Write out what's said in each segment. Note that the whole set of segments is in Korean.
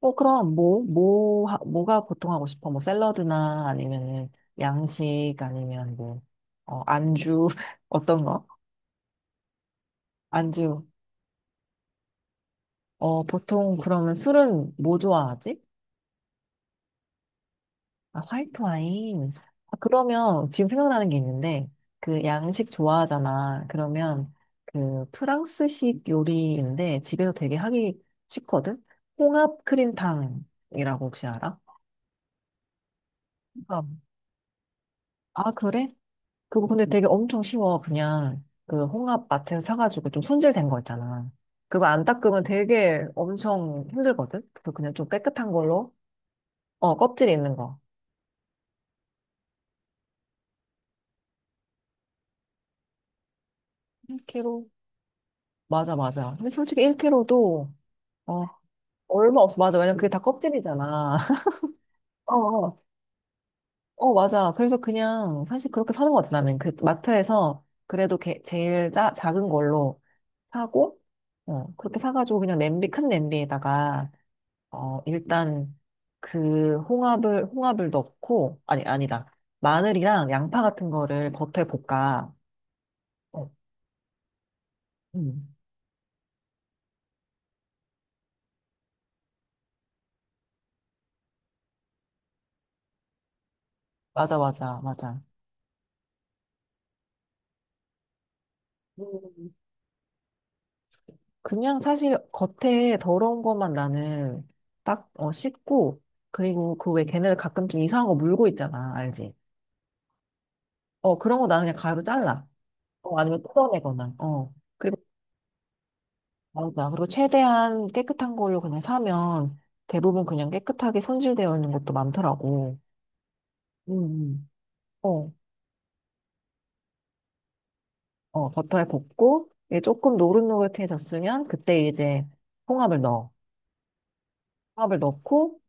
어, 그럼 뭐가 보통 하고 싶어? 뭐 샐러드나 아니면은 양식 아니면 뭐, 안주 어떤 거? 안주. 어, 보통 그러면 술은 뭐 좋아하지? 아, 화이트 와인. 아, 그러면 지금 생각나는 게 있는데 그 양식 좋아하잖아. 그러면 그 프랑스식 요리인데 집에서 되게 하기 쉽거든? 홍합 크림탕이라고 혹시 알아? 홍합. 아, 그래? 그거 근데 되게 엄청 쉬워. 그냥 그 홍합 마트에서 사가지고 좀 손질된 거 있잖아. 그거 안 닦으면 되게 엄청 힘들거든? 그래서 그냥 좀 깨끗한 걸로. 어, 껍질 있는 거. 1kg? 맞아, 맞아. 근데 솔직히 1kg도, 어, 얼마 없어. 맞아. 왜냐면 그게 다 껍질이잖아. 어, 어, 어, 맞아. 그래서 그냥 사실 그렇게 사는 것 같아. 나는 그 마트에서 그래도 제일 작은 걸로 사고, 어, 그렇게 사가지고 그냥 냄비, 큰 냄비에다가 일단 그 홍합을 넣고 아니 아니다. 마늘이랑 양파 같은 거를 겉에 볶아. 어, 음. 맞아 맞아 맞아. 음. 그냥 사실 겉에 더러운 것만 나는 딱 씻고, 그리고 그 왜 걔네들 가끔씩 이상한 거 물고 있잖아. 알지? 어, 그런 거 나는 그냥 가위로 잘라. 어, 아니면 뜯어내거나. 어. 그리고 맞아. 그리고 최대한 깨끗한 걸로 그냥 사면 대부분 그냥 깨끗하게 손질되어 있는 것도 많더라고. 음, 음. 어, 어, 버터에 볶고, 이게 조금 노릇노릇해졌으면, 그때 이제 홍합을 넣어. 홍합을 넣고,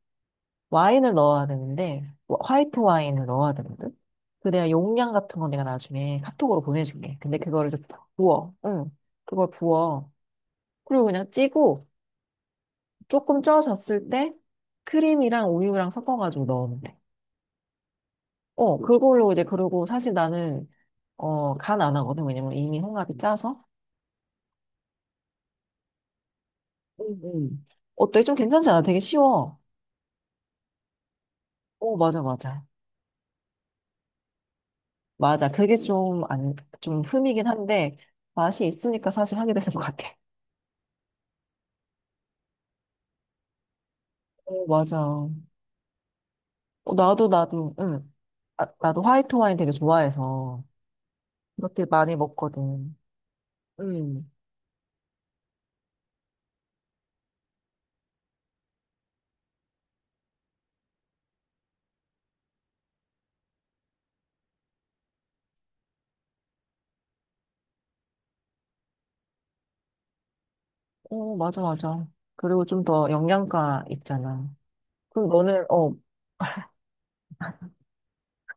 와인을 넣어야 되는데, 화이트 와인을 넣어야 되거든? 그래야 용량 같은 건 내가 나중에 카톡으로 보내줄게. 근데 그거를 이제 부어. 응, 그걸 부어. 그리고 그냥 찌고, 조금 쪄졌을 때, 크림이랑 우유랑 섞어가지고 넣으면 돼. 어, 그걸로 이제, 그러고 사실 나는, 간 안 하거든. 왜냐면 이미 홍합이 짜서. 음, 음. 어때? 좀 괜찮지 않아? 되게 쉬워. 어, 맞아, 맞아. 맞아. 그게 좀, 안, 좀 흠이긴 한데, 맛이 있으니까 사실 하게 되는 것 같아. 어, 맞아. 어, 나도, 나도, 응. 아, 나도 화이트 와인 되게 좋아해서, 그렇게 많이 먹거든. 응. 어, 맞아, 맞아. 그리고 좀 더 영양가 있잖아. 그럼 너는,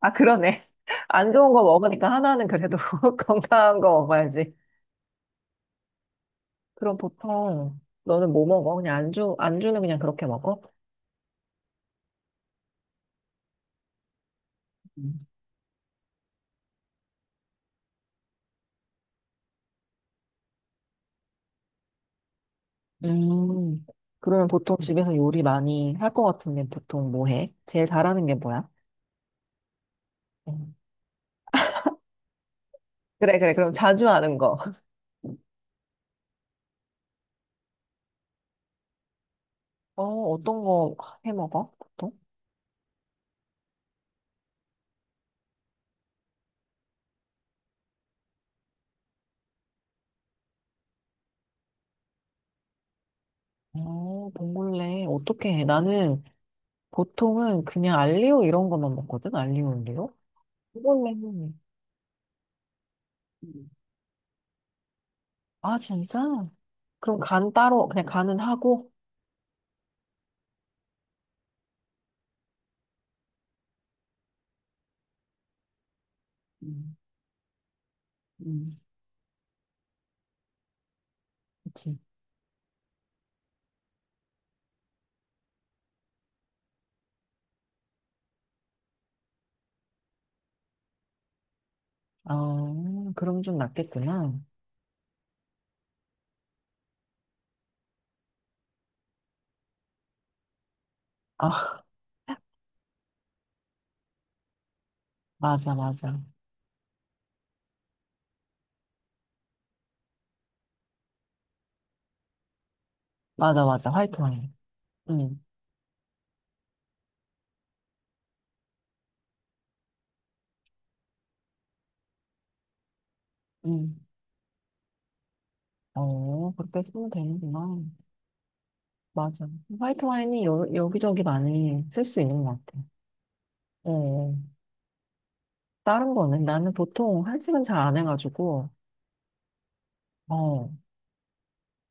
아, 그러네. 안 좋은 거 먹으니까 하나는 그래도 건강한 거 먹어야지. 그럼 보통, 너는 뭐 먹어? 그냥 안주는 그냥 그렇게 먹어? 음, 그러면 보통 집에서 요리 많이 할 것 같은데 보통 뭐 해? 제일 잘하는 게 뭐야? 음. 그래, 그래. 그럼 자주 하는 거. 어, 어떤 거 해 먹어? 보통? 어, 봉골레 어떻게 해? 나는 보통은 그냥 알리오 이런 것만 먹거든? 알리오 올리오? 봉골레는 음, 아, 진짜? 그럼 간 따로 그냥 간은 하고? 음, 음. 그치. 아, 그럼 좀 낫겠구나. 아, 맞아, 맞아. 맞아, 맞아. 화이트 와인. 응. 음. 어, 그렇게 쓰면 되는구나. 맞아. 화이트 와인이 여기저기 많이 쓸 수 있는 것 같아. 예, 예. 다른 거는 나는 보통 한식은 잘 안 해가지고, 어.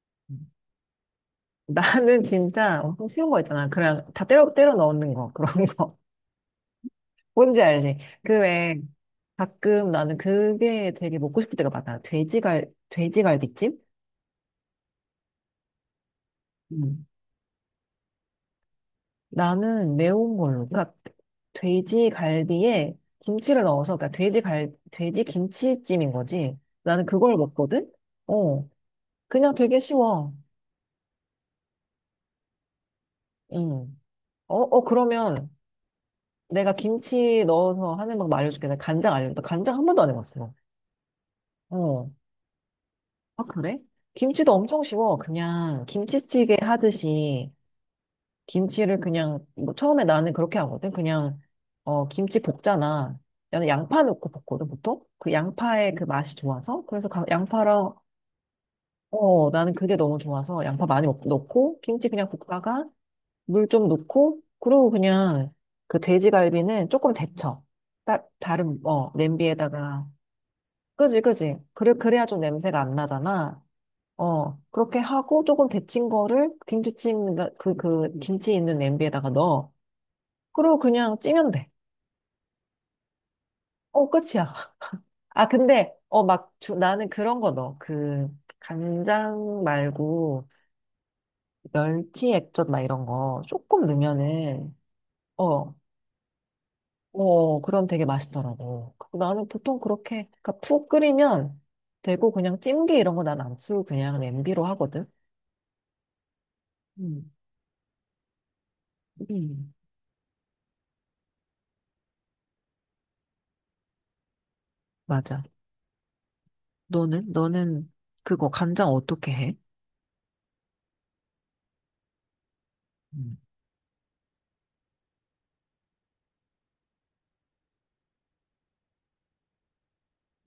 나는 진짜 엄청 쉬운 거 있잖아. 그냥 다 때려 넣는 거. 그런 거. 뭔지 알지? 그 외에 가끔 나는 그게 되게 먹고 싶을 때가 많아. 돼지갈비찜? 음. 나는 매운 걸로. 그러니까 돼지 갈비에 김치를 넣어서, 그러니까 돼지 김치찜인 거지. 나는 그걸 먹거든? 어. 그냥 되게 쉬워. 응. 어, 어, 그러면 내가 김치 넣어서 하는 방법 알려줄게. 내가 간장 알려줄게. 나 간장 한 번도 안 해봤어. 어. 아, 그래? 김치도 엄청 쉬워. 그냥 김치찌개 하듯이. 김치를 그냥 뭐 처음에 나는 그렇게 하거든. 그냥 김치 볶잖아. 나는 양파 넣고 볶거든 보통. 그 양파의 그 맛이 좋아서, 그래서 양파랑, 어 나는 그게 너무 좋아서 양파 많이 넣고 김치 그냥 볶다가 물 좀 넣고 그리고 그냥 그 돼지갈비는 조금 데쳐. 다른 냄비에다가. 그지 그지. 그래, 그래야 좀 냄새가 안 나잖아. 어, 그렇게 하고 조금 데친 거를 김치찜, 김치 있는 냄비에다가 넣어. 그리고 그냥 찌면 돼. 어, 끝이야. 아, 근데, 막, 나는 그런 거 넣어. 그, 간장 말고, 멸치 액젓 막 이런 거 조금 넣으면은, 어, 어, 그럼 되게 맛있더라고. 그리고 나는 보통 그렇게, 그니까 푹 끓이면 되고, 그냥 찜기 이런 거 난 안 쓰고 그냥 냄비로 하거든. 음, 음, 맞아. 너는? 너는 그거 간장 어떻게 해? 음,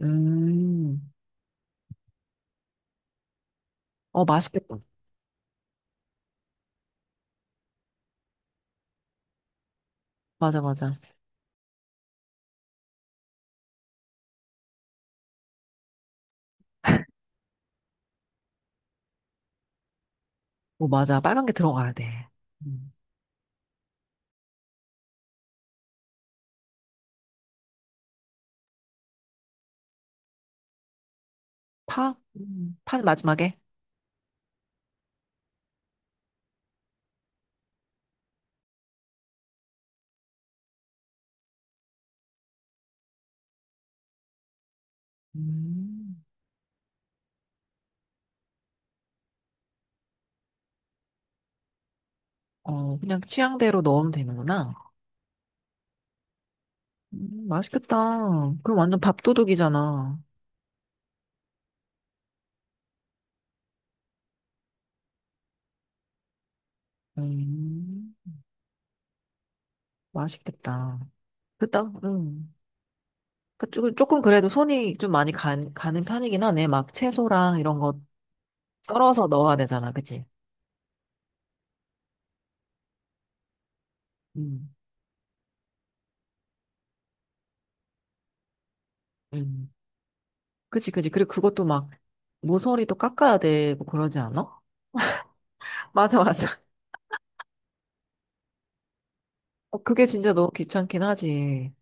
음. 어, 맛있겠다. 맞아, 맞아. 어, 맞아. 빨간 게 들어가야 돼. 음. 파? 파는 마지막에? 음. 어, 그냥 취향대로 넣으면 되는구나. 맛있겠다. 그럼 완전 밥도둑이잖아. 음, 맛있겠다. 그다, 음. 조금 조금 그래도 손이 좀 많이 가는 편이긴 하네. 막 채소랑 이런 거 썰어서 넣어야 되잖아. 그치? 음, 음. 그치, 그치. 그리고 그것도 막 모서리도 깎아야 되고 그러지 않아? 맞아, 맞아. 어, 그게 진짜 너무 귀찮긴 하지.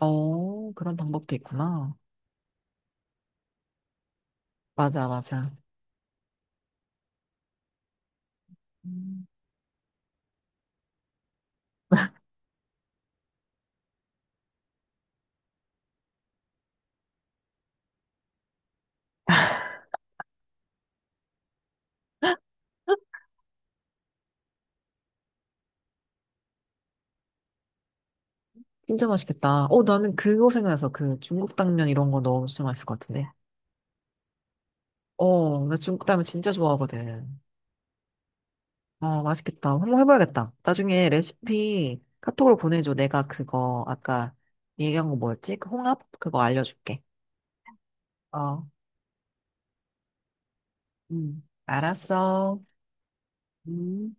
어, 그런 방법도 있구나. 맞아, 맞아. 음, 진짜 맛있겠다. 어, 나는 그거 생각나서 그 중국 당면 이런 거 너무 진짜 맛있을 것 같은데. 어, 나 중국 당면 진짜 좋아하거든. 어, 맛있겠다. 한번 해봐야겠다. 나중에 레시피 카톡으로 보내줘. 내가 그거 아까 얘기한 거 뭐였지? 그 홍합? 그거 알려줄게. 어, 알았어. 음.